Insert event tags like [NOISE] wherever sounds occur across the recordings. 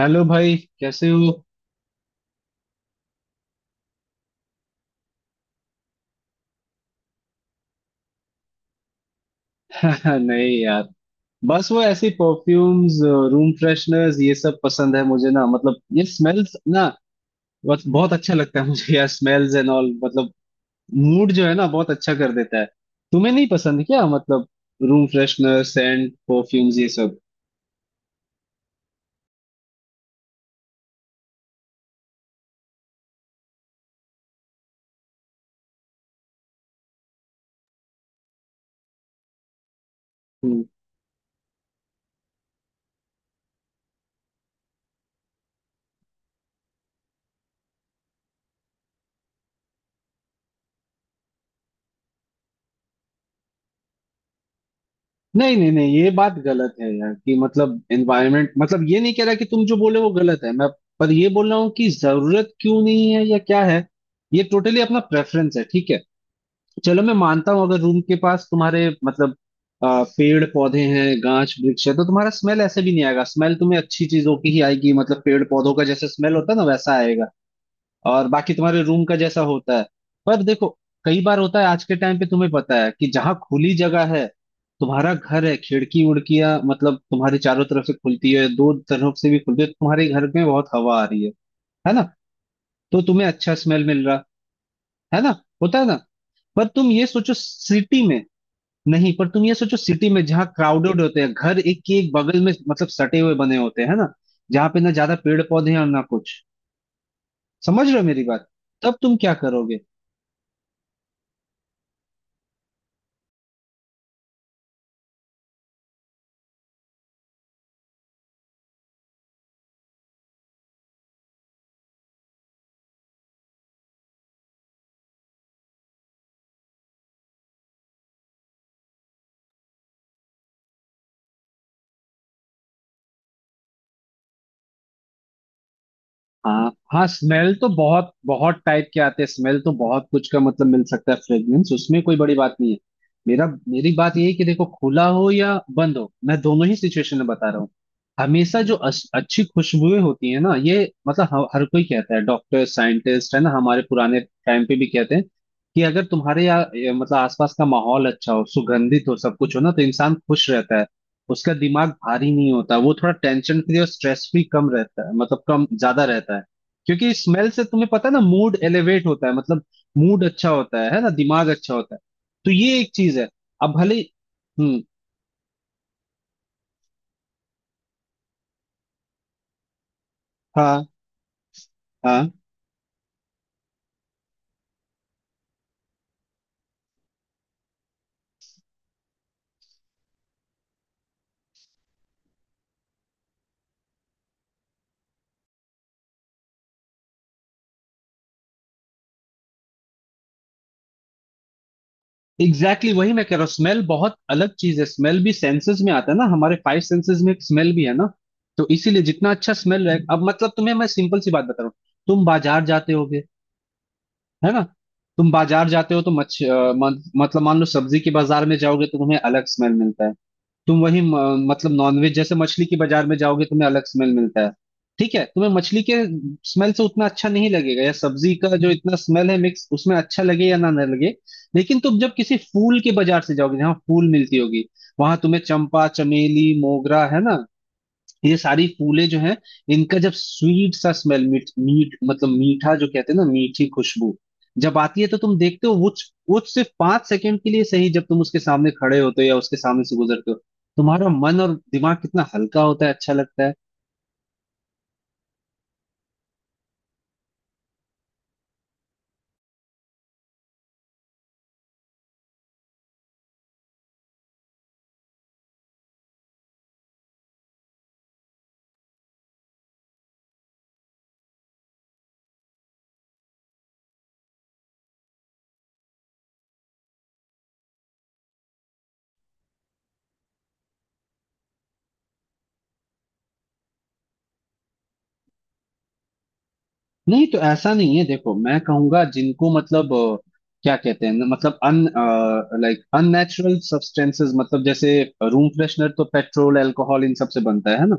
Hello भाई, कैसे हो? [LAUGHS] नहीं यार, बस वो ऐसी परफ्यूम्स, रूम फ्रेशनर्स ये सब पसंद है मुझे ना। मतलब ये स्मेल्स ना, बस बहुत अच्छा लगता है मुझे यार। स्मेल्स एंड ऑल मतलब मूड जो है ना, बहुत अच्छा कर देता है। तुम्हें नहीं पसंद क्या? मतलब रूम फ्रेशनर, सेंट, परफ्यूम्स ये सब। हम्म। नहीं नहीं नहीं, ये बात गलत है यार, कि मतलब एनवायरमेंट, मतलब ये नहीं कह रहा कि तुम जो बोले वो गलत है मैं। पर ये बोल रहा हूँ कि जरूरत क्यों नहीं है या क्या है। ये टोटली अपना प्रेफरेंस है, ठीक है। चलो, मैं मानता हूँ अगर रूम के पास तुम्हारे मतलब पेड़ पौधे हैं, गाछ वृक्ष है, तो तुम्हारा स्मेल ऐसे भी नहीं आएगा, स्मेल तुम्हें अच्छी चीजों की ही आएगी। मतलब पेड़ पौधों का जैसे स्मेल होता है ना, वैसा आएगा। और बाकी तुम्हारे रूम का जैसा होता है। पर देखो, कई बार होता है आज के टाइम पे, तुम्हें पता है कि जहाँ खुली जगह है, तुम्हारा घर है, खिड़की उड़कियां मतलब तुम्हारे चारों तरफ से खुलती है, दो तरफ से भी खुलती है, तो तुम्हारे घर में बहुत हवा आ रही है ना। तो तुम्हें अच्छा स्मेल मिल रहा, है ना, होता है ना। पर तुम ये सोचो सिटी में। नहीं, पर तुम ये सोचो सिटी में जहाँ क्राउडेड होते हैं घर, एक के एक बगल में मतलब सटे हुए बने होते हैं ना, जहाँ पे ना ज्यादा पेड़ पौधे हैं और ना कुछ। समझ रहे हो मेरी बात? तब तुम क्या करोगे? हाँ हाँ, स्मेल तो बहुत बहुत टाइप के आते हैं, स्मेल तो बहुत कुछ का मतलब मिल सकता है, फ्रेग्रेंस उसमें कोई बड़ी बात नहीं है। मेरा मेरी बात ये है कि देखो, खुला हो या बंद हो, मैं दोनों ही सिचुएशन में बता रहा हूँ। हमेशा जो अच्छी खुशबुएं होती है ना, ये मतलब हर कोई कहता है, डॉक्टर साइंटिस्ट है ना, हमारे पुराने टाइम पे भी कहते हैं कि अगर तुम्हारे यहाँ मतलब आसपास का माहौल अच्छा हो, सुगंधित हो, सब कुछ हो ना, तो इंसान खुश रहता है। उसका दिमाग भारी नहीं होता, वो थोड़ा टेंशन फ्री और स्ट्रेस फ्री कम रहता है, मतलब कम ज्यादा रहता है। क्योंकि स्मेल से तुम्हें पता है ना, मूड एलिवेट होता है, मतलब मूड अच्छा होता है ना, दिमाग अच्छा होता है। तो ये एक चीज है, अब भले। हम्म। हाँ हाँ, एग्जैक्टली exactly वही मैं कह रहा हूँ, स्मेल बहुत अलग चीज है, स्मेल भी सेंसेस में आता है ना, हमारे फाइव सेंसेस में एक स्मेल भी है ना। तो इसीलिए जितना अच्छा स्मेल रहे, अब मतलब तुम्हें मैं सिंपल सी बात बता रहा हूँ। तुम बाजार जाते हो, है ना। तुम बाजार जाते हो तो मच्छ अ, मत, मतलब मान लो सब्जी के बाजार में जाओगे तो तुम्हें अलग स्मेल मिलता है। तुम वही मतलब नॉनवेज जैसे मछली के बाजार में जाओगे, तुम्हें अलग स्मेल मिलता है। ठीक है, तुम्हें मछली के स्मेल से उतना अच्छा नहीं लगेगा, या सब्जी का जो इतना स्मेल है मिक्स उसमें अच्छा लगे या ना ना लगे। लेकिन तुम जब किसी फूल के बाजार से जाओगे, जहाँ फूल मिलती होगी, वहां तुम्हें चंपा चमेली मोगरा है ना, ये सारी फूलें जो हैं, इनका जब स्वीट सा स्मेल, मीठ मीठ मतलब मीठा जो कहते हैं ना, मीठी खुशबू जब आती है, तो तुम देखते हो वो सिर्फ 5 सेकंड के लिए सही, जब तुम उसके सामने खड़े होते हो या उसके सामने से गुजरते हो, तुम्हारा मन और दिमाग कितना हल्का होता है, अच्छा लगता है। नहीं तो ऐसा नहीं है, देखो मैं कहूंगा जिनको मतलब क्या कहते हैं ना, मतलब अन लाइक अननेचुरल सब्सटेंसेस, मतलब जैसे रूम फ्रेशनर तो पेट्रोल अल्कोहल इन सब से बनता है ना।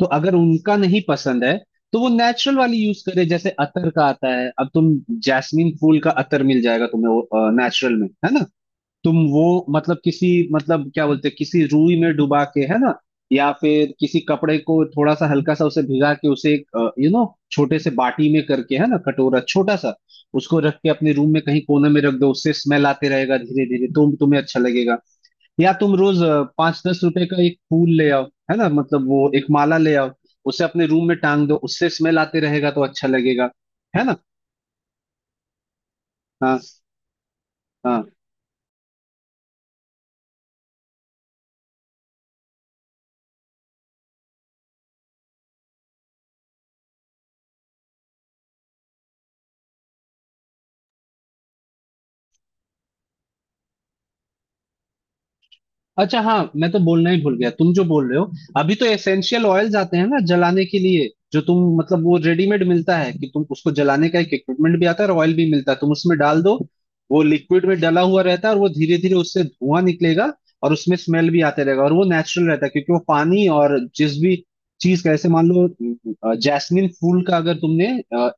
तो अगर उनका नहीं पसंद है, तो वो नेचुरल वाली यूज करे, जैसे अतर का आता है। अब तुम जैस्मिन फूल का अतर मिल जाएगा तुम्हें, वो नेचुरल में है ना। तुम वो, मतलब किसी, मतलब क्या बोलते हैं, किसी रूई में डुबा के है ना, या फिर किसी कपड़े को थोड़ा सा हल्का सा उसे भिगा के, उसे एक यू नो छोटे से बाटी में करके, है ना, कटोरा छोटा सा, उसको रख के अपने रूम में कहीं कोने में रख दो, उससे स्मेल आते रहेगा धीरे धीरे, तो तुम्हें अच्छा लगेगा। या तुम रोज 5-10 रुपए का एक फूल ले आओ, है ना, मतलब वो एक माला ले आओ, उसे अपने रूम में टांग दो, उससे स्मेल आते रहेगा तो अच्छा लगेगा। है ना। हाँ हाँ। अच्छा, हाँ, मैं तो बोलना ही भूल गया, तुम जो बोल रहे हो। अभी तो एसेंशियल ऑयल्स आते हैं ना जलाने के लिए, जो तुम मतलब वो रेडीमेड मिलता है कि तुम उसको जलाने का एक इक्विपमेंट भी आता है और ऑयल भी मिलता है, तुम उसमें डाल दो। वो लिक्विड में डला हुआ रहता है, और वो धीरे धीरे उससे धुआं निकलेगा। और उसमें स्मेल भी आते रहेगा, और वो नेचुरल रहता है क्योंकि वो पानी और जिस भी चीज का, ऐसे मान लो जैस्मिन फूल का अगर तुमने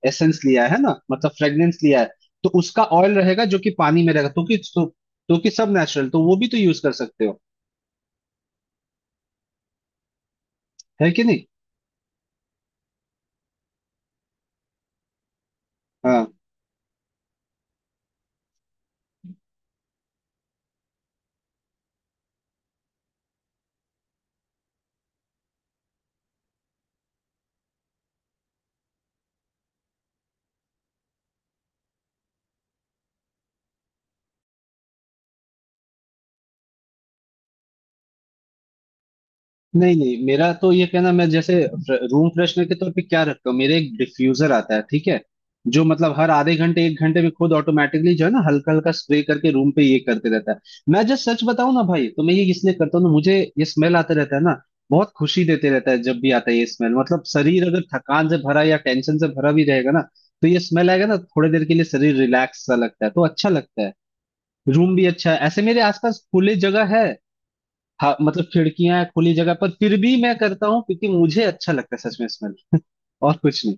एसेंस लिया है ना, मतलब फ्रेग्रेंस लिया है, तो उसका ऑयल रहेगा जो कि पानी में रहेगा, तो कि सब नेचुरल, तो वो भी तो यूज कर सकते हो, है कि नहीं। हाँ। नहीं नहीं, मेरा तो ये कहना, मैं जैसे रूम फ्रेशनर के तौर पे क्या रखता हूँ, मेरे एक डिफ्यूजर आता है, ठीक है, जो मतलब हर आधे घंटे एक घंटे में खुद ऑटोमेटिकली जो है ना, हल्का हल्का स्प्रे करके रूम पे ये करते रहता है। मैं जब सच बताऊं ना भाई, तो मैं ये इसलिए करता हूँ ना, मुझे ये स्मेल आता रहता है ना, बहुत खुशी देते रहता है। जब भी आता है ये स्मेल, मतलब शरीर अगर थकान से भरा या टेंशन से भरा भी रहेगा ना, तो ये स्मेल आएगा ना, थोड़ी देर के लिए शरीर रिलैक्स सा लगता है, तो अच्छा लगता है। रूम भी अच्छा है, ऐसे मेरे आसपास खुली जगह है। हाँ, मतलब खिड़कियां खुली जगह पर फिर भी मैं करता हूँ, क्योंकि मुझे अच्छा लगता है सच में स्मेल, और कुछ नहीं।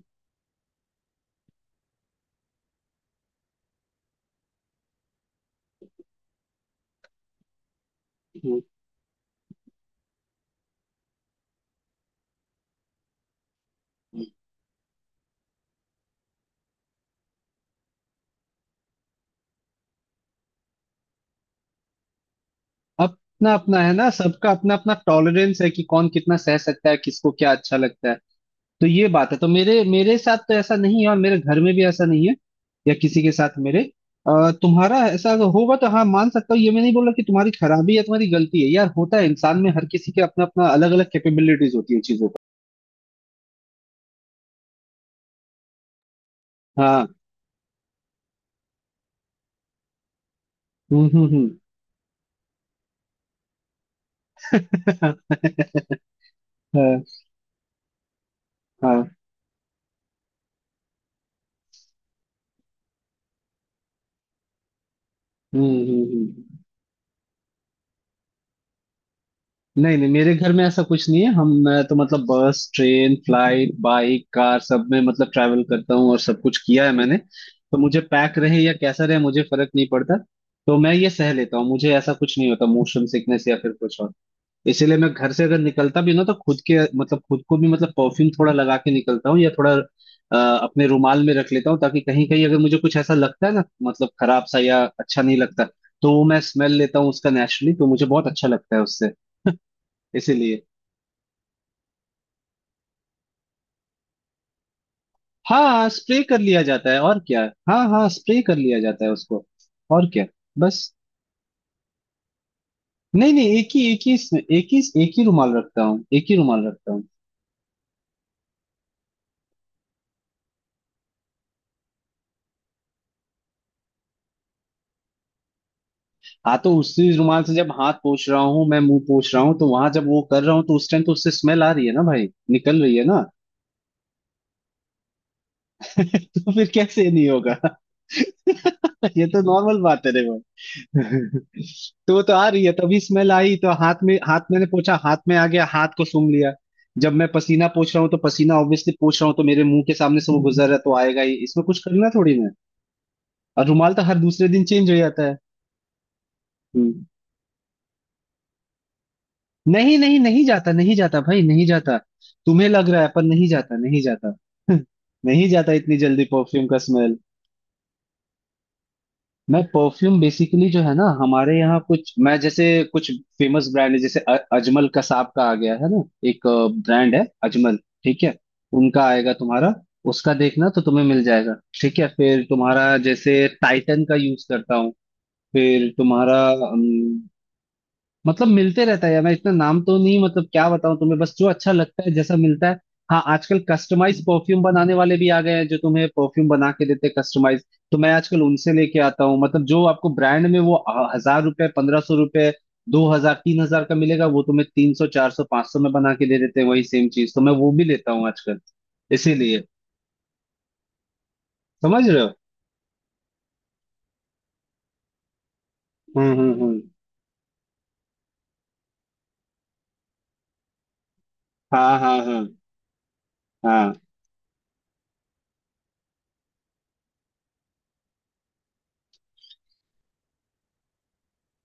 हम्म। अपना अपना है ना, सबका अपना अपना टॉलरेंस है कि कौन कितना सह सकता है, किसको क्या अच्छा लगता है। तो ये बात है। तो मेरे मेरे साथ तो ऐसा नहीं है, और मेरे घर में भी ऐसा नहीं है या किसी के साथ मेरे। तुम्हारा ऐसा अगर होगा तो हाँ मान सकता हूँ, ये मैं नहीं बोल रहा कि तुम्हारी खराबी या तुम्हारी गलती है यार। होता है इंसान में, हर किसी के अपना अपना अलग अलग कैपेबिलिटीज होती है चीजों का। हाँ। हम्म हम्म हम्म। [LAUGHS] हाँ हाँ। हम्म हम्म, हम्म। नहीं नहीं, मेरे घर में ऐसा कुछ नहीं है। हम मैं तो मतलब bus train flight bike car सब में मतलब ट्रैवल करता हूँ, और सब कुछ किया है मैंने, तो मुझे पैक रहे या कैसा रहे मुझे फर्क नहीं पड़ता। तो मैं ये सह लेता हूँ, मुझे ऐसा कुछ नहीं होता, मोशन सिकनेस या फिर कुछ और। इसीलिए मैं घर से अगर निकलता भी ना, तो खुद के मतलब खुद को भी मतलब परफ्यूम थोड़ा लगा के निकलता हूँ, या थोड़ा अपने रुमाल में रख लेता हूँ, ताकि कहीं कहीं अगर मुझे कुछ ऐसा लगता है ना, मतलब खराब सा या अच्छा नहीं लगता, तो वो मैं स्मेल लेता हूँ उसका नेचुरली, तो मुझे बहुत अच्छा लगता है उससे, इसीलिए। हाँ, स्प्रे कर लिया जाता है, और क्या। हाँ हाँ, स्प्रे कर लिया जाता है उसको, और क्या, बस। नहीं नहीं, एक ही, एक ही। एक ही, एक ही रुमाल रखता हूँ, एक ही रुमाल रखता हूँ। हाँ, तो उसी रुमाल से जब हाथ पोछ रहा हूँ मैं, मुंह पोछ रहा हूँ, तो वहां जब वो कर रहा हूँ तो उस टाइम तो उससे स्मेल आ रही है ना भाई, निकल रही है ना। [LAUGHS] तो फिर कैसे ये नहीं होगा? [LAUGHS] ये तो नॉर्मल बात है रे भाई। [LAUGHS] तो वो तो आ रही है, तभी स्मेल आई तो हाथ में, हाथ मैंने पोछा, हाथ में आ गया, हाथ को सूंघ लिया। जब मैं पसीना पोछ रहा हूँ तो पसीना ऑब्वियसली पोछ रहा हूँ, तो मेरे मुंह के सामने से वो गुजर रहा है तो आएगा ही, इसमें कुछ करना थोड़ी ना है। और रुमाल तो हर दूसरे दिन चेंज हो जाता है। हम्म। नहीं नहीं, नहीं जाता, नहीं जाता भाई, नहीं जाता। तुम्हें लग रहा है, पर नहीं जाता, नहीं जाता, नहीं जाता इतनी जल्दी परफ्यूम का स्मेल। मैं परफ्यूम बेसिकली जो है ना, हमारे यहाँ कुछ, मैं जैसे कुछ फेमस ब्रांड है जैसे अजमल कसाब का आ गया है ना, एक ब्रांड है अजमल, ठीक है, उनका आएगा तुम्हारा, उसका देखना तो तुम्हें मिल जाएगा। ठीक है, फिर तुम्हारा जैसे टाइटन का यूज करता हूँ, फिर तुम्हारा, मतलब मिलते रहता है यार, मैं इतना नाम तो नहीं, मतलब क्या बताऊं तुम्हें, बस जो अच्छा लगता है जैसा मिलता है। हाँ, आजकल कस्टमाइज परफ्यूम बनाने वाले भी आ गए हैं, जो तुम्हें परफ्यूम बना के देते हैं कस्टमाइज। तो मैं आजकल उनसे लेके आता हूँ, मतलब जो आपको ब्रांड में वो 1,000 रुपए 1,500 रुपए 2,000 3,000 का मिलेगा, वो तुम्हें 300 400 500 में बना के दे देते हैं, वही सेम चीज, तो मैं वो भी लेता हूँ आजकल, इसीलिए। समझ रहे हो। हम्म। हाँ हाँ हाँ हाँ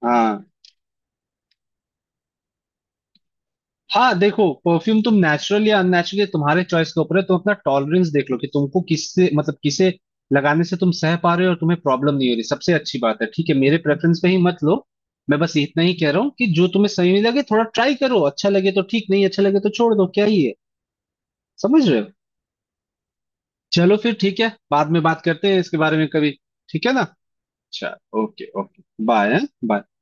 हाँ हाँ। देखो परफ्यूम तुम नेचुरल या अननेचुरल, तुम्हारे चॉइस के ऊपर है, तुम अपना टॉलरेंस देख लो कि तुमको किससे मतलब किसे लगाने से तुम सह पा रहे हो, और तुम्हें प्रॉब्लम नहीं हो रही, सबसे अच्छी बात है, ठीक है। मेरे प्रेफरेंस पे ही मत लो। मैं बस इतना ही कह रहा हूँ कि जो तुम्हें सही लगे थोड़ा ट्राई करो, अच्छा लगे तो ठीक, नहीं अच्छा लगे तो छोड़ दो, क्या ही है। समझ रहे हो। चलो फिर, ठीक है, बाद में बात करते हैं इसके बारे में कभी। ठीक है ना? अच्छा, ओके ओके। Bye bye.